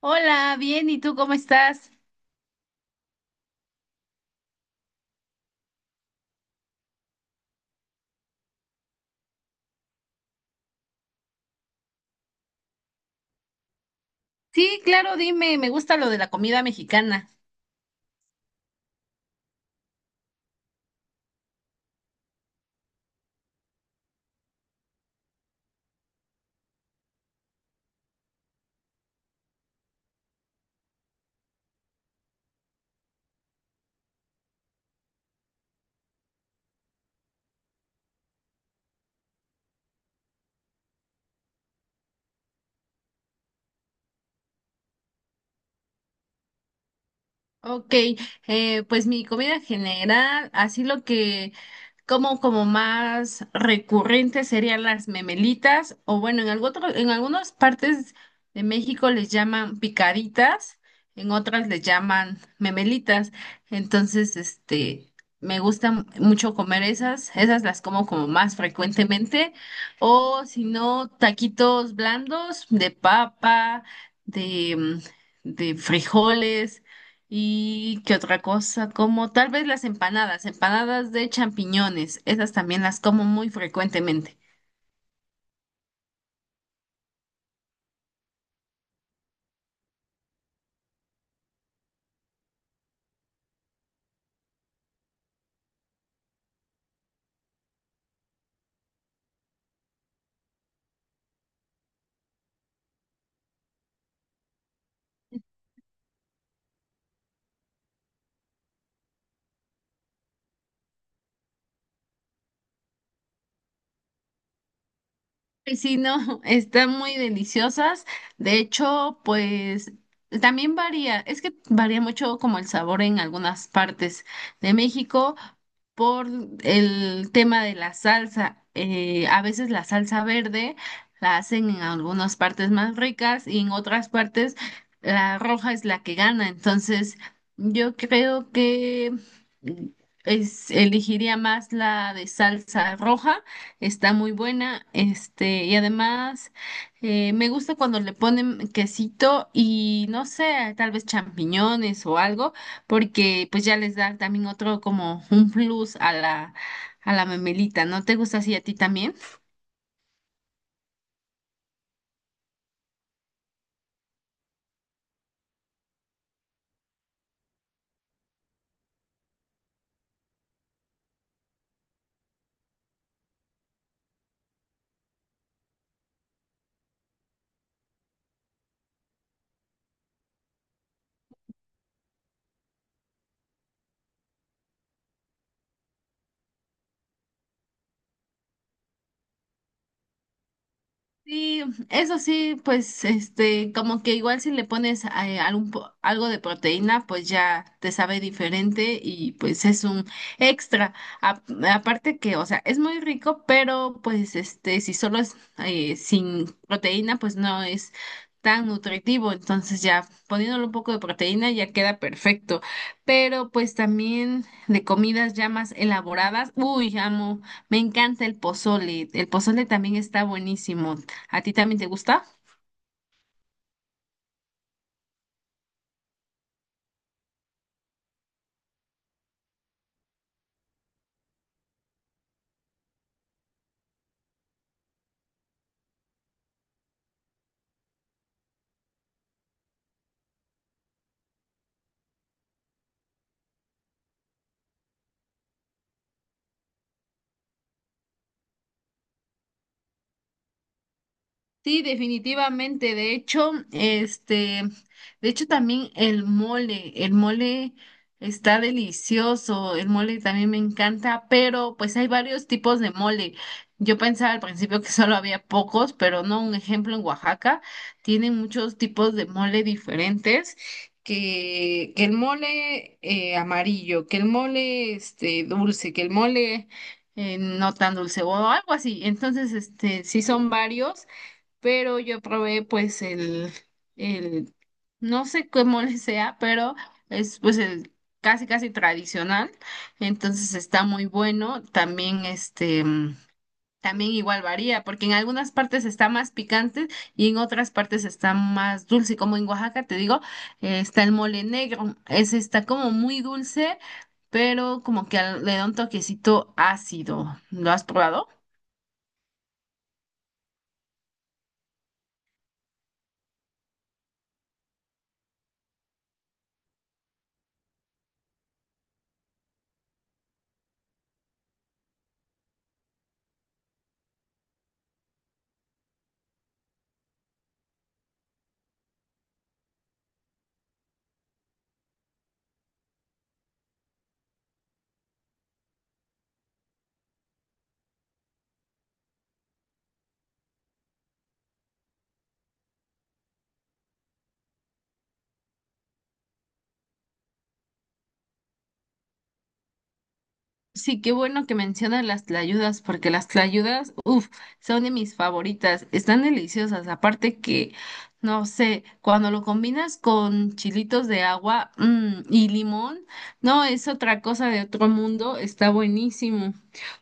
Hola, bien, ¿y tú cómo estás? Sí, claro, dime, me gusta lo de la comida mexicana. Ok, pues mi comida general, así lo que como como más recurrente serían las memelitas, o bueno, en algunas partes de México les llaman picaditas, en otras les llaman memelitas. Entonces, este, mucho comer esas, las como como más frecuentemente, o si no, taquitos blandos de papa, de, de frijoles. ¿Y qué otra cosa? Como tal vez las empanadas, empanadas de champiñones, esas también las como muy frecuentemente. Pues sí, no, están muy deliciosas. De hecho, pues también varía, es que varía mucho como el sabor en algunas partes de México por el tema de la salsa. A veces la salsa verde la hacen en algunas partes más ricas y en otras partes la roja es la que gana. Entonces, yo creo que mm, es, elegiría más la de salsa roja, está muy buena, este, y además, me gusta cuando le ponen quesito y no sé, tal vez champiñones o algo, porque pues ya les da también otro como un plus a la memelita, ¿no te gusta así a ti también? Sí, eso sí, pues este, como que igual si le pones algo de proteína, pues ya te sabe diferente y pues es un extra. A- Aparte que, o sea, es muy rico, pero pues este, si solo es sin proteína, pues no es tan nutritivo. Entonces ya poniéndole un poco de proteína ya queda perfecto. Pero pues también de comidas ya más elaboradas, uy, amo. Me encanta el pozole. El pozole también está buenísimo. ¿A ti también te gusta? Sí, definitivamente. De hecho, este, de hecho también el mole está delicioso, el mole también me encanta, pero pues hay varios tipos de mole. Yo pensaba al principio que solo había pocos, pero no, un ejemplo en Oaxaca tienen muchos tipos de mole diferentes, que el mole amarillo, que el mole este dulce, que el mole no tan dulce o algo así. Entonces, este, sí son varios, pero yo probé pues el, no sé cómo le sea, pero es pues el casi casi tradicional, entonces está muy bueno, también este, también igual varía, porque en algunas partes está más picante y en otras partes está más dulce, como en Oaxaca, te digo, está el mole negro, ese está como muy dulce, pero como que le da un toquecito ácido, ¿lo has probado? Sí, qué bueno que mencionas las tlayudas, porque las tlayudas, uff, son de mis favoritas, están deliciosas, aparte que, no sé, cuando lo combinas con chilitos de agua, y limón, no, es otra cosa de otro mundo, está buenísimo.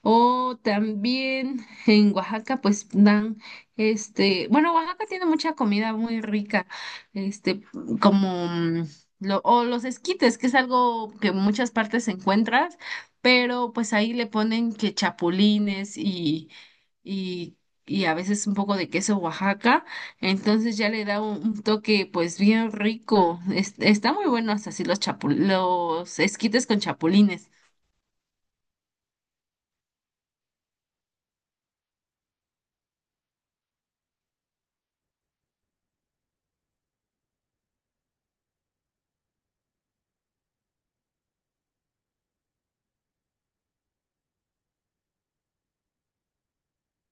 O también en Oaxaca, pues dan, este, bueno, Oaxaca tiene mucha comida muy rica, este, como... mm, o los esquites, que es algo que en muchas partes se encuentra, pero pues ahí le ponen que chapulines y, y a veces un poco de queso Oaxaca, entonces ya le da un toque pues bien rico. Está muy bueno hasta así los chapul los esquites con chapulines.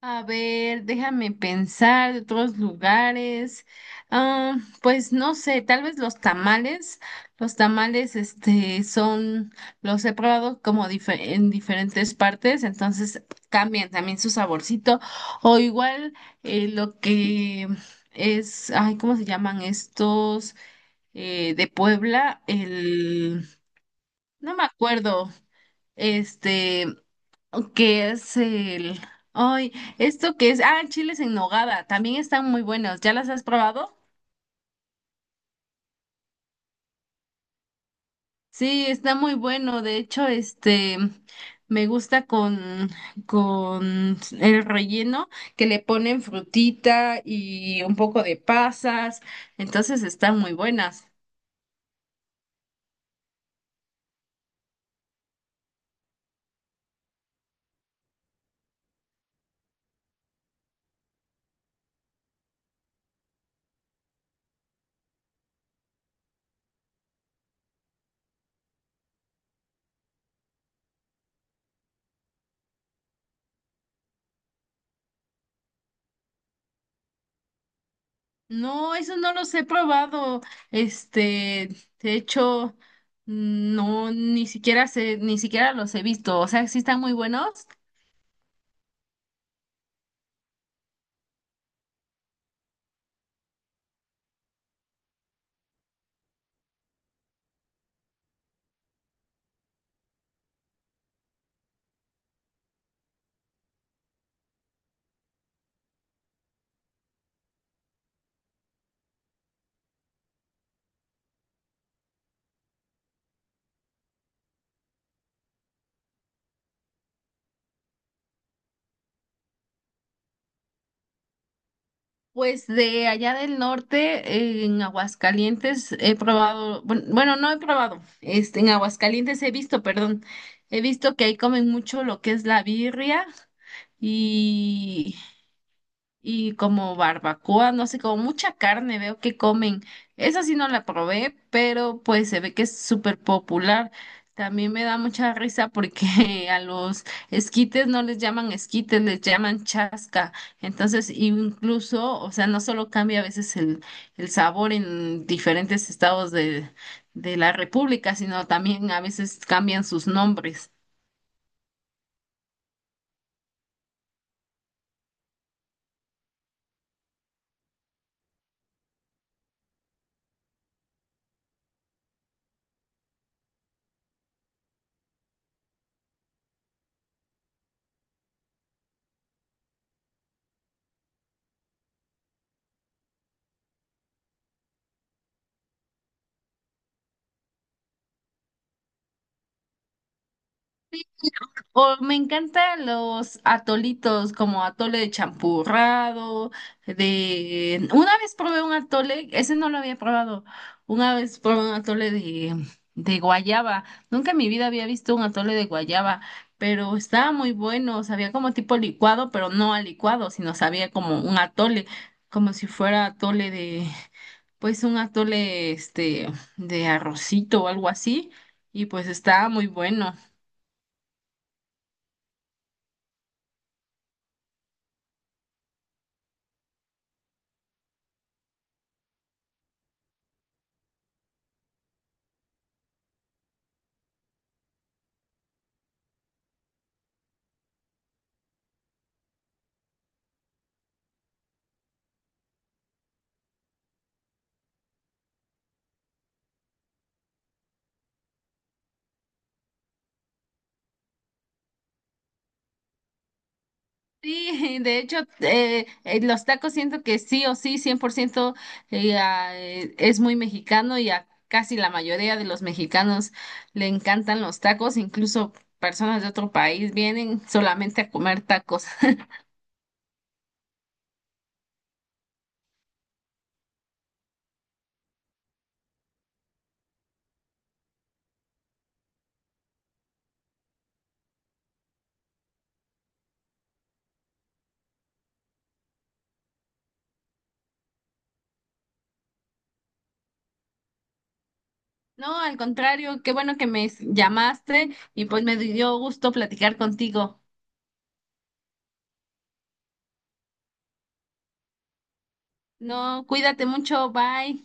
A ver, déjame pensar de otros lugares. Ah, pues no sé, tal vez los tamales. Los tamales, este, son, los he probado como en diferentes partes, entonces cambian también su saborcito. O igual lo que es, ay, ¿cómo se llaman estos? Eh, de Puebla, el, no me acuerdo. Este, ¿qué es el...? Ay, ¿esto qué es? Ah, chiles en nogada. También están muy buenos. ¿Ya las has probado? Sí, está muy bueno. De hecho, este, me gusta con el relleno que le ponen frutita y un poco de pasas. Entonces están muy buenas. No, eso no los he probado. Este, de hecho, no, ni siquiera sé, ni siquiera los he visto. O sea, sí están muy buenos. Pues de allá del norte, en Aguascalientes, he probado, bueno, no he probado, este, en Aguascalientes he visto, perdón, he visto que ahí comen mucho lo que es la birria y como barbacoa, no sé, como mucha carne veo que comen. Esa sí no la probé, pero pues se ve que es súper popular. También me da mucha risa porque a los esquites no les llaman esquites, les llaman chasca. Entonces, incluso, o sea, no solo cambia a veces el sabor en diferentes estados de la República, sino también a veces cambian sus nombres. O me encantan los atolitos como atole de champurrado, de... Una vez probé un atole, ese no lo había probado, una vez probé un atole de guayaba. Nunca en mi vida había visto un atole de guayaba, pero estaba muy bueno, sabía como tipo licuado, pero no a licuado, sino sabía como un atole, como si fuera atole de, pues un atole este, de arrocito o algo así, y pues estaba muy bueno. Sí, de hecho, los tacos siento que sí o sí, 100% es muy mexicano y a casi la mayoría de los mexicanos le encantan los tacos, incluso personas de otro país vienen solamente a comer tacos. No, al contrario, qué bueno que me llamaste y pues me dio gusto platicar contigo. No, cuídate mucho, bye.